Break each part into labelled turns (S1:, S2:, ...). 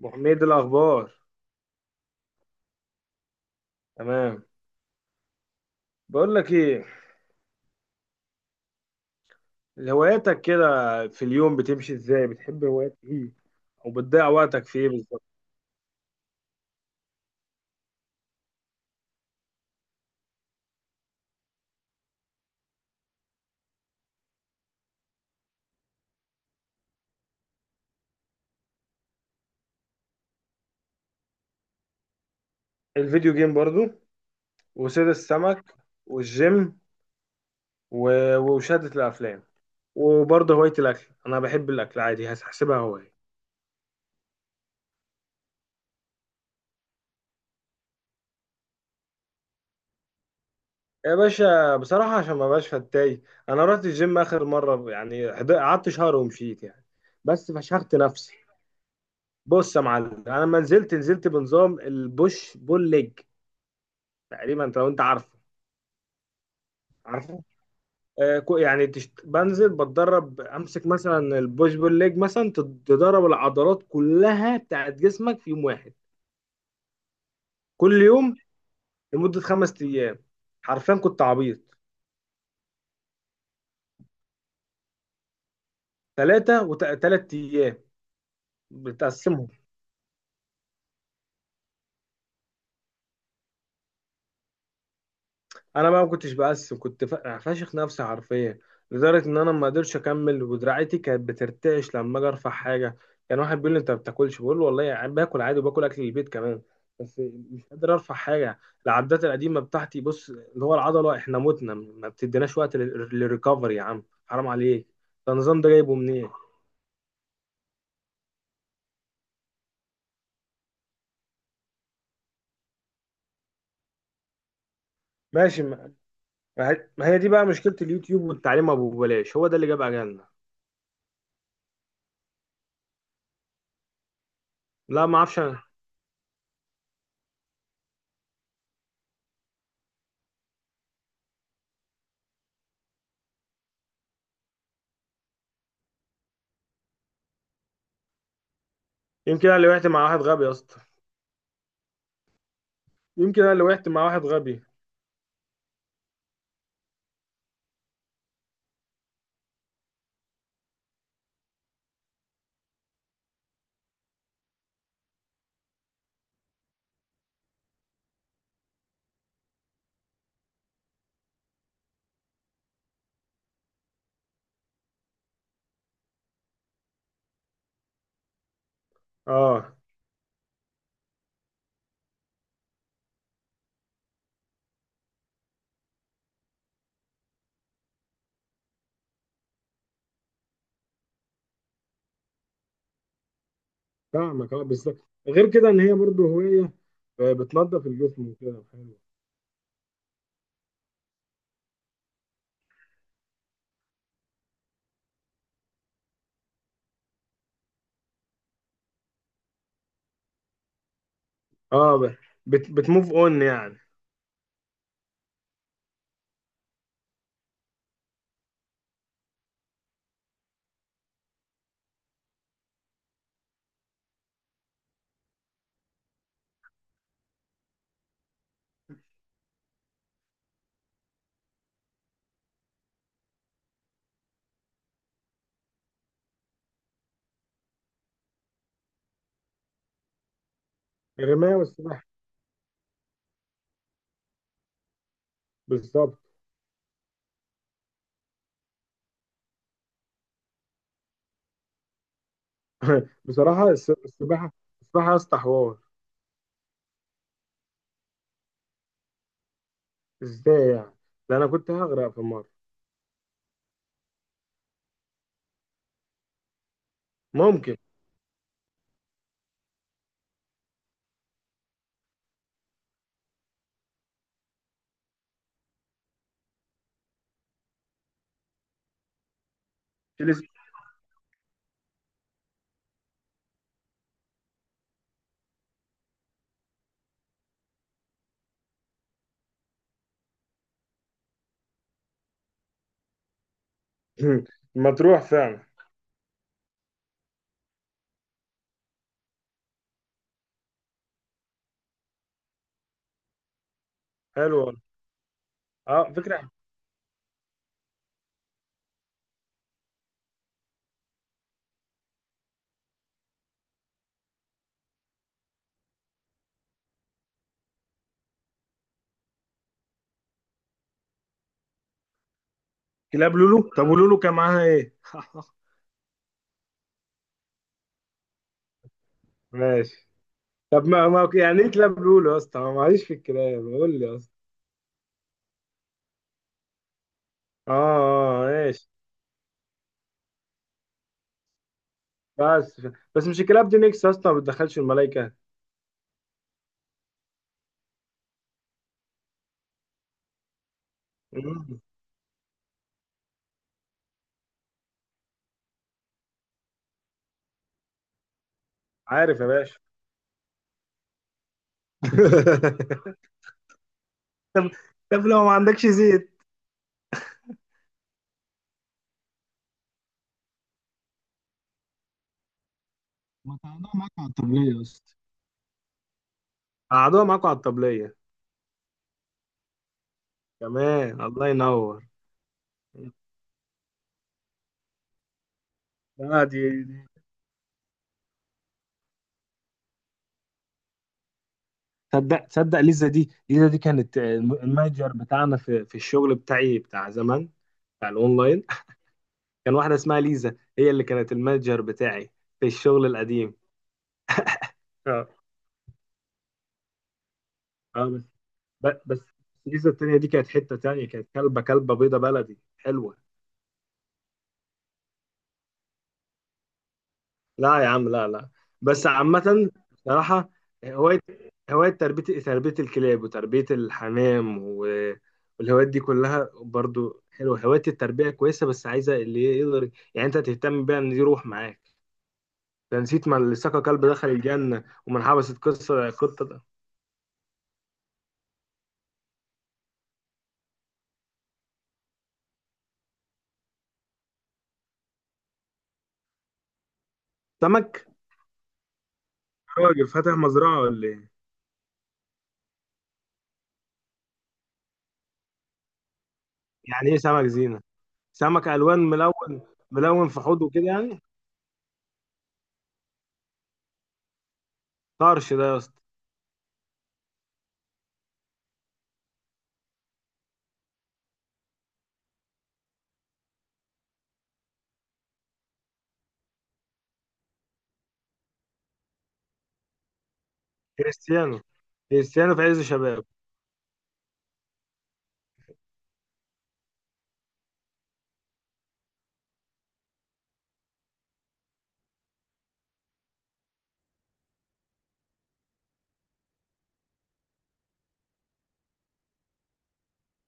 S1: ابو حميد الاخبار. تمام. بقول لك ايه، هواياتك كده في اليوم بتمشي ازاي؟ بتحب هوايات ايه، او بتضيع وقتك في ايه بالظبط؟ الفيديو جيم برضو، وصيد السمك، والجيم، ومشاهدة الافلام، وبرضه هواية الاكل. انا بحب الاكل عادي، هحسبها هواية. يا باشا، بصراحة عشان ما بقاش فتاي، انا رحت الجيم اخر مرة يعني، قعدت شهر ومشيت يعني. بس فشخت نفسي. بص يا معلم، انا لما نزلت بنظام البوش بول ليج. تقريبا لو انت عارفه. عارفه. بنزل بتدرب، امسك مثلا البوش بول ليج مثلا، تدرب العضلات كلها بتاعت جسمك في يوم واحد. كل يوم، لمدة خمس ايام. حرفيا كنت عبيط. ثلاثة، وثلاث ايام بتقسمهم. انا بقى ما كنتش بقسم، كنت فاشخ نفسي حرفيا. لدرجه ان انا ما قدرتش اكمل، ودراعتي كانت بترتعش لما اجي ارفع حاجه. كان واحد بيقول لي، انت ما بتاكلش؟ بقول له، والله يعني باكل عادي، وباكل اكل البيت كمان. بس مش قادر ارفع حاجه. العدات القديمه بتاعتي، بص، اللي هو العضله، احنا متنا، ما بتديناش وقت للريكفري يا عم، حرام عليك. ده النظام ده جايبه منين؟ ماشي ما. ما هي دي بقى مشكله اليوتيوب والتعليم ابو بلاش، هو ده اللي جاب اجلنا. لا ما اعرفش أنا. يمكن انا اللي وقعت مع واحد غبي يا اسطى. يمكن انا اللي وقعت مع واحد غبي. اه، فاهمك. اه، بالظبط. غير كده ان هي برضو هوايه، آه، بتنظف الجسم وكده، حلو. اه، ب- بت بتموف اون يعني. الرمايه والسباحه. بالظبط. بصراحه السباحه. السباحه يا اسطى حوار. ازاي يعني؟ ده انا كنت هغرق في مره. ممكن. تلس- ما تروح فعلا. حلو والله. اه، فكره. كلاب لولو؟ طب ولولو كان معاها ايه؟ ماشي. طب، ما يعني ايه كلاب لولو يا اسطى؟ أنا معيش في الكلاب، قول لي يا اسطى. اه، آه، ماشي. بس. بس مش الكلاب دي نيكس يا اسطى، ما بتدخلش الملائكه. مم. عارف يا باشا. طب طب، لو ما عندكش زيت؟ ما تعالى معاك على الطبلية يا اسطى. قعدوها معاكوا على الطبليه. تمام، الله ينور. لا، دي. تصدق، تصدق، ليزا دي كانت المانجر بتاعنا في الشغل بتاعي بتاع زمان، بتاع الاونلاين. كان واحده اسمها ليزا، هي اللي كانت المانجر بتاعي في الشغل القديم. اه. اه، بس. السيزون التانية دي كانت حتة تانية، كانت كلبة، كلبة بيضة بلدي حلوة. لا يا عم، لا لا. بس عامة بصراحة، هواية، هواية تربية، تربية الكلاب، وتربية الحمام والهوايات دي كلها برضو حلوة. هواية التربية كويسة، بس عايزة اللي يقدر يعني انت تهتم بيها، ان دي روح معاك. ده نسيت ما اللي سقى كلب دخل الجنة، ومن حبست قصة قطة ده. سمك. راجل فاتح مزرعة ولا ايه؟ يعني ايه سمك زينة؟ سمك ألوان، ملون. ملون في حوضه كده يعني. طرش ده يا اسطى. كريستيانو. كريستيانو في عز شبابه.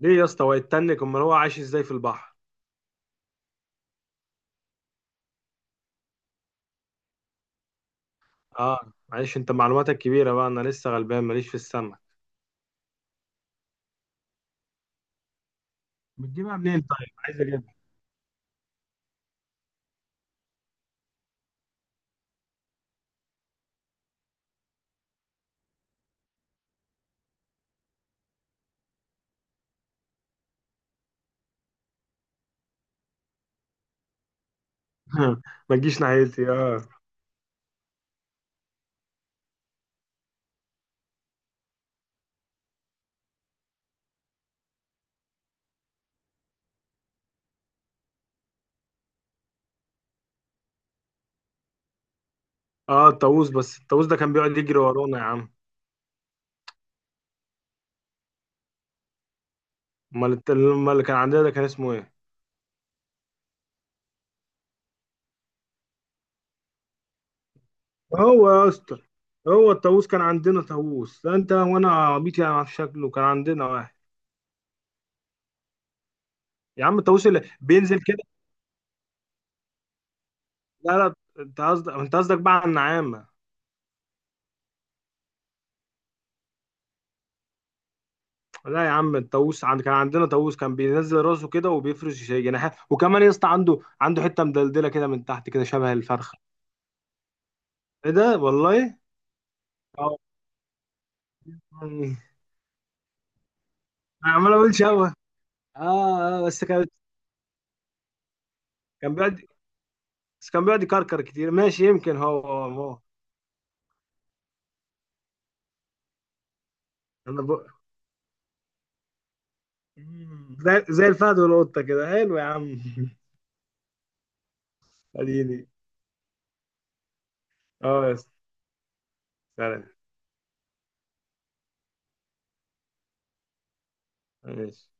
S1: ليه يا اسطى، هو يتنك؟ امال هو عايش ازاي في البحر؟ اه، معلش، انت معلوماتك كبيره بقى، انا لسه غلبان، ماليش في السمك. بتجيبها منين طيب، عايز اجيبها. ما تجيش ناحيتي، اه. اه، الطاووس، بس الطاووس ده كان بيقعد يجري ورانا يا عم. امال امال اللي كان عندنا ده كان اسمه ايه؟ هو يا اسطى، هو الطاووس؟ كان عندنا طاووس، لا انت وانا عبيط يعني في شكله، كان عندنا واحد. يا عم الطاووس اللي بينزل كده. لا لا. انت قصدك بقى على النعامه. لا يا عم، الطاووس، كان عندنا طاووس، كان بينزل راسه كده وبيفرش جناحات، وكمان يا اسطى عنده حته مدلدله كده من تحت، كده شبه الفرخه. ايه ده والله. اه. انا عمال اقول شبه. اه، آه، بس كان. كان بيقعد. بس كان بيقعد يكركر كتير، ماشي، يمكن هو، هو. انا ب... مم. زي الفهد والقطه كده، حلو يا عم. اديني. اه يا اسطى. سلام. ماشي.